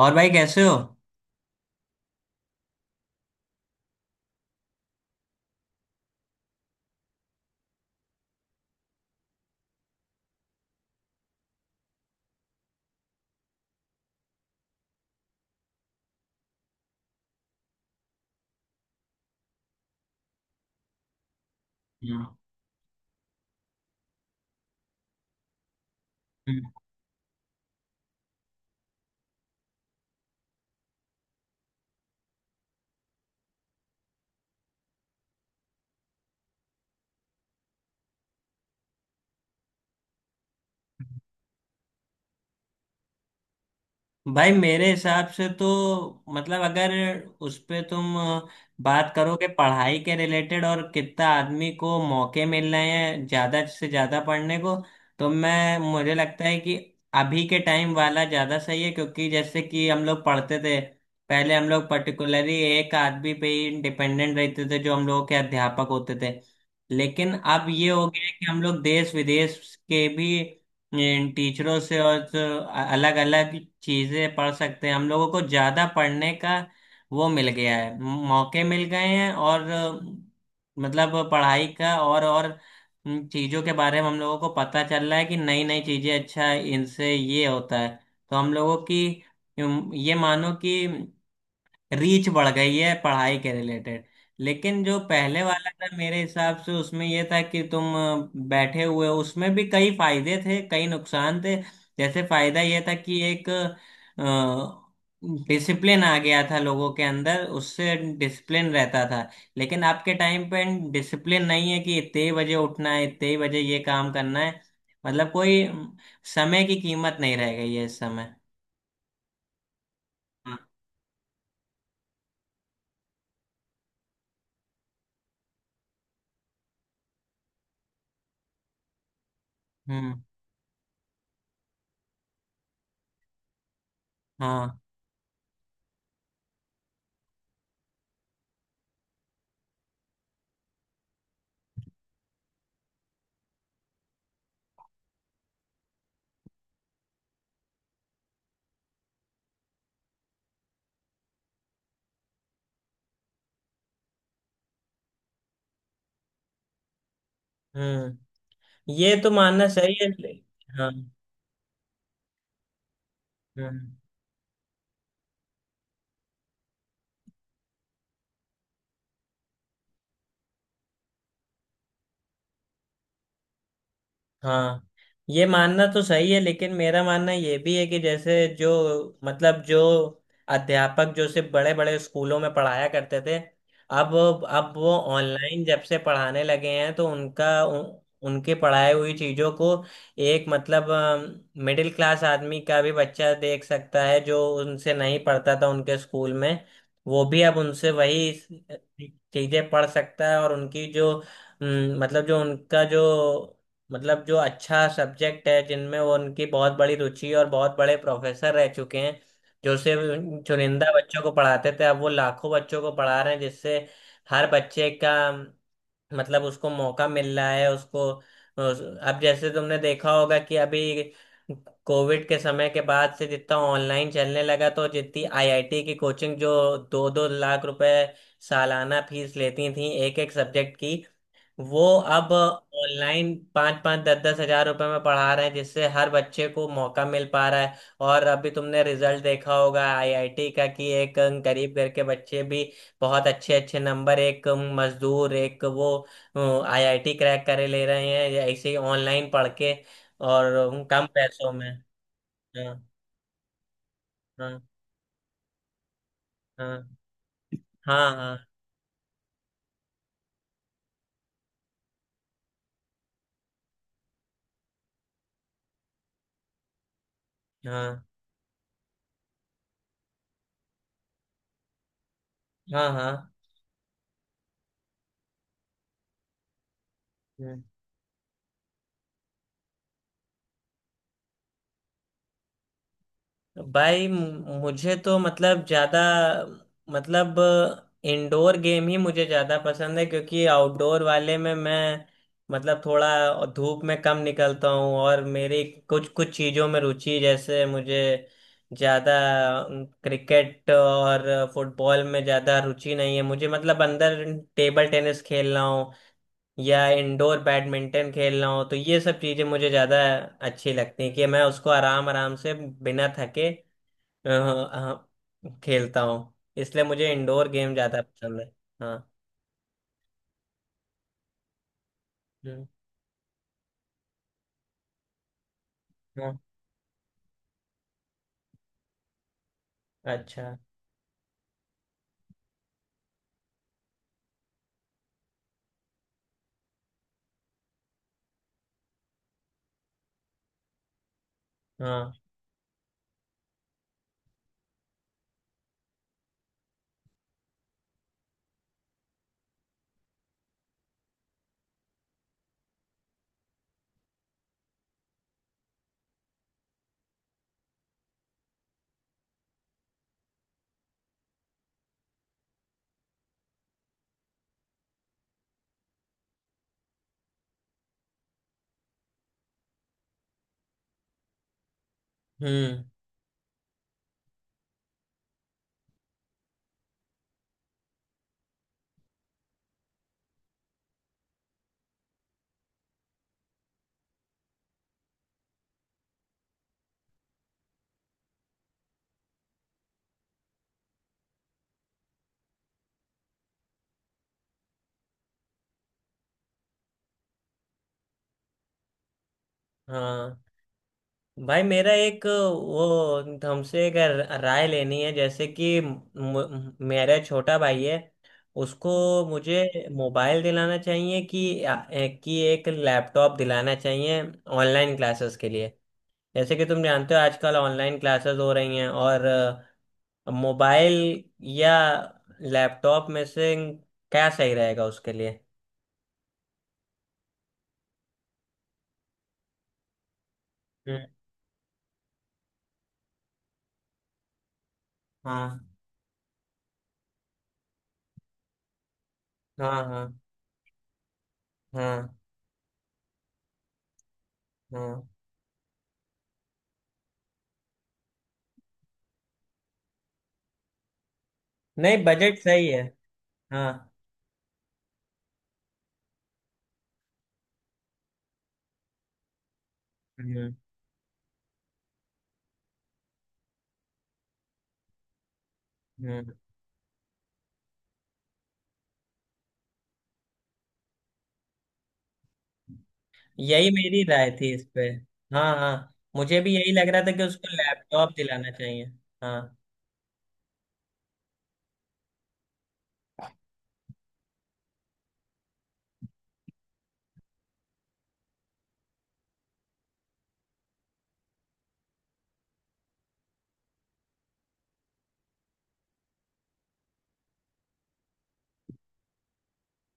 और भाई, कैसे हो? हाँ। हम्म। भाई, मेरे हिसाब से तो मतलब अगर उस पे तुम बात करो कि पढ़ाई के रिलेटेड और कितना आदमी को मौके मिल रहे हैं, ज्यादा से ज्यादा पढ़ने को, तो मैं मुझे लगता है कि अभी के टाइम वाला ज्यादा सही है। क्योंकि जैसे कि हम लोग पढ़ते थे, पहले हम लोग पर्टिकुलरली एक आदमी पे ही डिपेंडेंट रहते थे जो हम लोगों के अध्यापक होते थे। लेकिन अब ये हो गया है कि हम लोग देश विदेश के भी टीचरों से और अलग अलग चीजें पढ़ सकते हैं। हम लोगों को ज्यादा पढ़ने का वो मिल गया है, मौके मिल गए हैं। और मतलब पढ़ाई का और चीजों के बारे में हम लोगों को पता चल रहा है कि नई नई चीजें, अच्छा, इनसे ये होता है। तो हम लोगों की, ये मानो कि, रीच बढ़ गई है पढ़ाई के रिलेटेड। लेकिन जो पहले वाला था, मेरे हिसाब से उसमें ये था कि तुम बैठे हुए हो, उसमें भी कई फायदे थे, कई नुकसान थे। जैसे फायदा ये था कि एक डिसिप्लिन आ गया था लोगों के अंदर, उससे डिसिप्लिन रहता था। लेकिन आपके टाइम पे डिसिप्लिन नहीं है कि इतने ही बजे उठना है, इतने ही बजे ये काम करना है। मतलब कोई समय की कीमत नहीं रह गई है इस समय। हाँ। हम्म। हाँ। हम्म। ये तो मानना सही है। हाँ। हाँ, हाँ। ये मानना तो सही है, लेकिन मेरा मानना ये भी है कि जैसे जो अध्यापक जो सिर्फ बड़े बड़े स्कूलों में पढ़ाया करते थे, अब वो ऑनलाइन जब से पढ़ाने लगे हैं, तो उनके पढ़ाई हुई चीज़ों को एक, मतलब, मिडिल क्लास आदमी का भी बच्चा देख सकता है जो उनसे नहीं पढ़ता था उनके स्कूल में। वो भी अब उनसे वही चीज़ें पढ़ सकता है। और उनकी जो अम, मतलब जो उनका जो मतलब जो अच्छा सब्जेक्ट है जिनमें वो, उनकी बहुत बड़ी रुचि और बहुत बड़े प्रोफेसर रह चुके हैं, जो सिर्फ उन चुनिंदा बच्चों को पढ़ाते थे, अब वो लाखों बच्चों को पढ़ा रहे हैं, जिससे हर बच्चे का मतलब उसको मौका मिल रहा है। अब जैसे तुमने देखा होगा कि अभी कोविड के समय के बाद से जितना ऑनलाइन चलने लगा, तो जितनी आईआईटी की कोचिंग जो 2-2 लाख रुपए सालाना फीस लेती थी एक एक सब्जेक्ट की, वो अब ऑनलाइन 5-5, 10-10 हज़ार रुपए में पढ़ा रहे हैं, जिससे हर बच्चे को मौका मिल पा रहा है। और अभी तुमने रिजल्ट देखा होगा आईआईटी का, कि एक गरीब घर के बच्चे भी बहुत अच्छे अच्छे नंबर, एक मजदूर, एक वो, आईआईटी क्रैक करे ले रहे हैं या ऐसे ही ऑनलाइन पढ़ के, और कम पैसों में। हाँ, हाँ, हाँ, हाँ, हाँ, हाँ, हाँ, हाँ। भाई, मुझे तो मतलब ज्यादा मतलब इंडोर गेम ही मुझे ज्यादा पसंद है, क्योंकि आउटडोर वाले में मैं, मतलब, थोड़ा धूप में कम निकलता हूँ। और मेरी कुछ कुछ चीजों में रुचि, जैसे मुझे ज्यादा क्रिकेट और फुटबॉल में ज्यादा रुचि नहीं है। मुझे मतलब अंदर टेबल टेनिस खेलना हो या इंडोर बैडमिंटन खेलना हो, तो ये सब चीजें मुझे ज्यादा अच्छी लगती हैं, कि मैं उसको आराम आराम से, बिना थके, हाँ, खेलता हूँ, इसलिए मुझे इंडोर गेम ज्यादा पसंद है। हाँ। हम्म। हाँ। अच्छा। हाँ। हम्म। हाँ। भाई, मेरा एक वो हमसे एक राय लेनी है। जैसे कि मेरा छोटा भाई है, उसको मुझे मोबाइल दिलाना चाहिए कि एक लैपटॉप दिलाना चाहिए ऑनलाइन क्लासेस के लिए? जैसे कि तुम जानते हो आजकल ऑनलाइन क्लासेस हो रही हैं, और मोबाइल या लैपटॉप में से क्या सही रहेगा उसके लिए? हम्म। हाँ, हाँ, हाँ, हाँ, हाँ। नहीं, बजट सही है। हाँ। हम्म। हम्म। यही मेरी राय थी इस पे। हाँ, हाँ, मुझे भी यही लग रहा था कि उसको लैपटॉप दिलाना चाहिए। हाँ,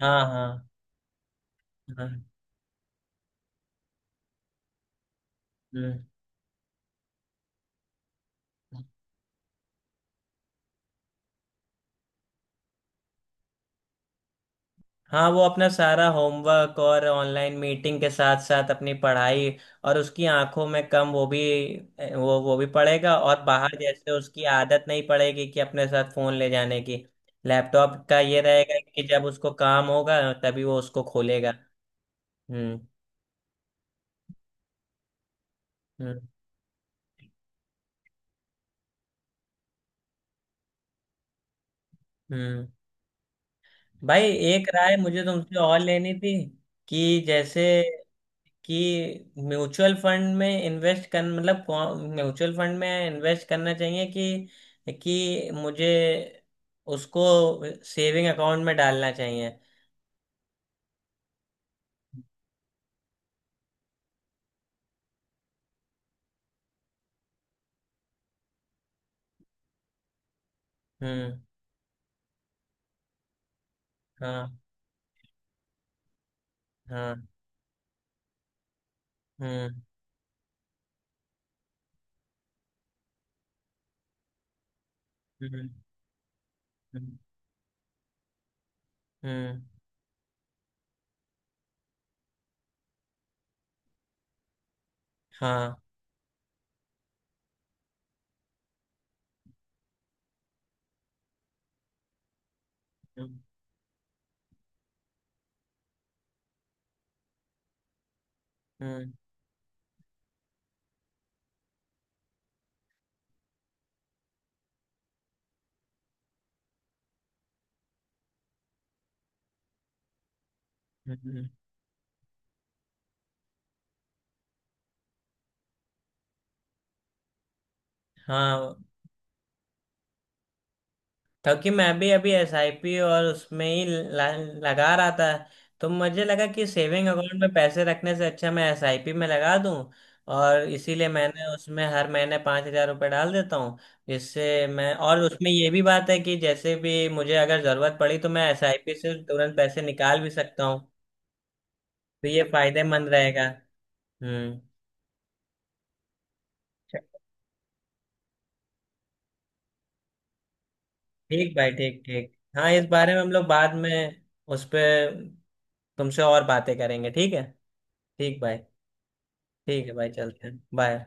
हाँ, हाँ, हाँ। हम्म। हाँ, वो अपना सारा होमवर्क और ऑनलाइन मीटिंग के साथ साथ अपनी पढ़ाई, और उसकी आंखों में कम वो भी, वो भी पड़ेगा। और बाहर जैसे उसकी आदत नहीं पड़ेगी कि अपने साथ फोन ले जाने की। लैपटॉप का ये रहेगा कि जब उसको काम होगा तभी वो उसको खोलेगा। हम्म। हम्म। हम्म। भाई, एक राय मुझे तुमसे और लेनी थी। कि जैसे कि म्यूचुअल फंड में इन्वेस्ट कर मतलब कौन म्यूचुअल फंड में इन्वेस्ट करना चाहिए कि मुझे उसको सेविंग अकाउंट में डालना चाहिए? हम्म। हाँ, हाँ। हम्म। हम्म। हम्म। हम्म। हाँ। हम्म। हम्म। हम्म। हाँ, क्योंकि मैं भी अभी एसआईपी और उसमें ही लगा रहा था। तो मुझे लगा कि सेविंग अकाउंट में पैसे रखने से अच्छा मैं एसआईपी में लगा दूं। और इसीलिए मैंने उसमें हर महीने 5 हज़ार रुपये डाल देता हूँ। जिससे मैं, और उसमें ये भी बात है कि जैसे भी मुझे अगर ज़रूरत पड़ी तो मैं एसआईपी से तुरंत पैसे निकाल भी सकता हूँ। तो ये फायदेमंद रहेगा। हम्म। ठीक भाई, ठीक, ठीक। हाँ, इस बारे में हम लोग बाद में उस पर तुमसे और बातें करेंगे, ठीक है। ठीक भाई। ठीक है भाई, चलते हैं, बाय।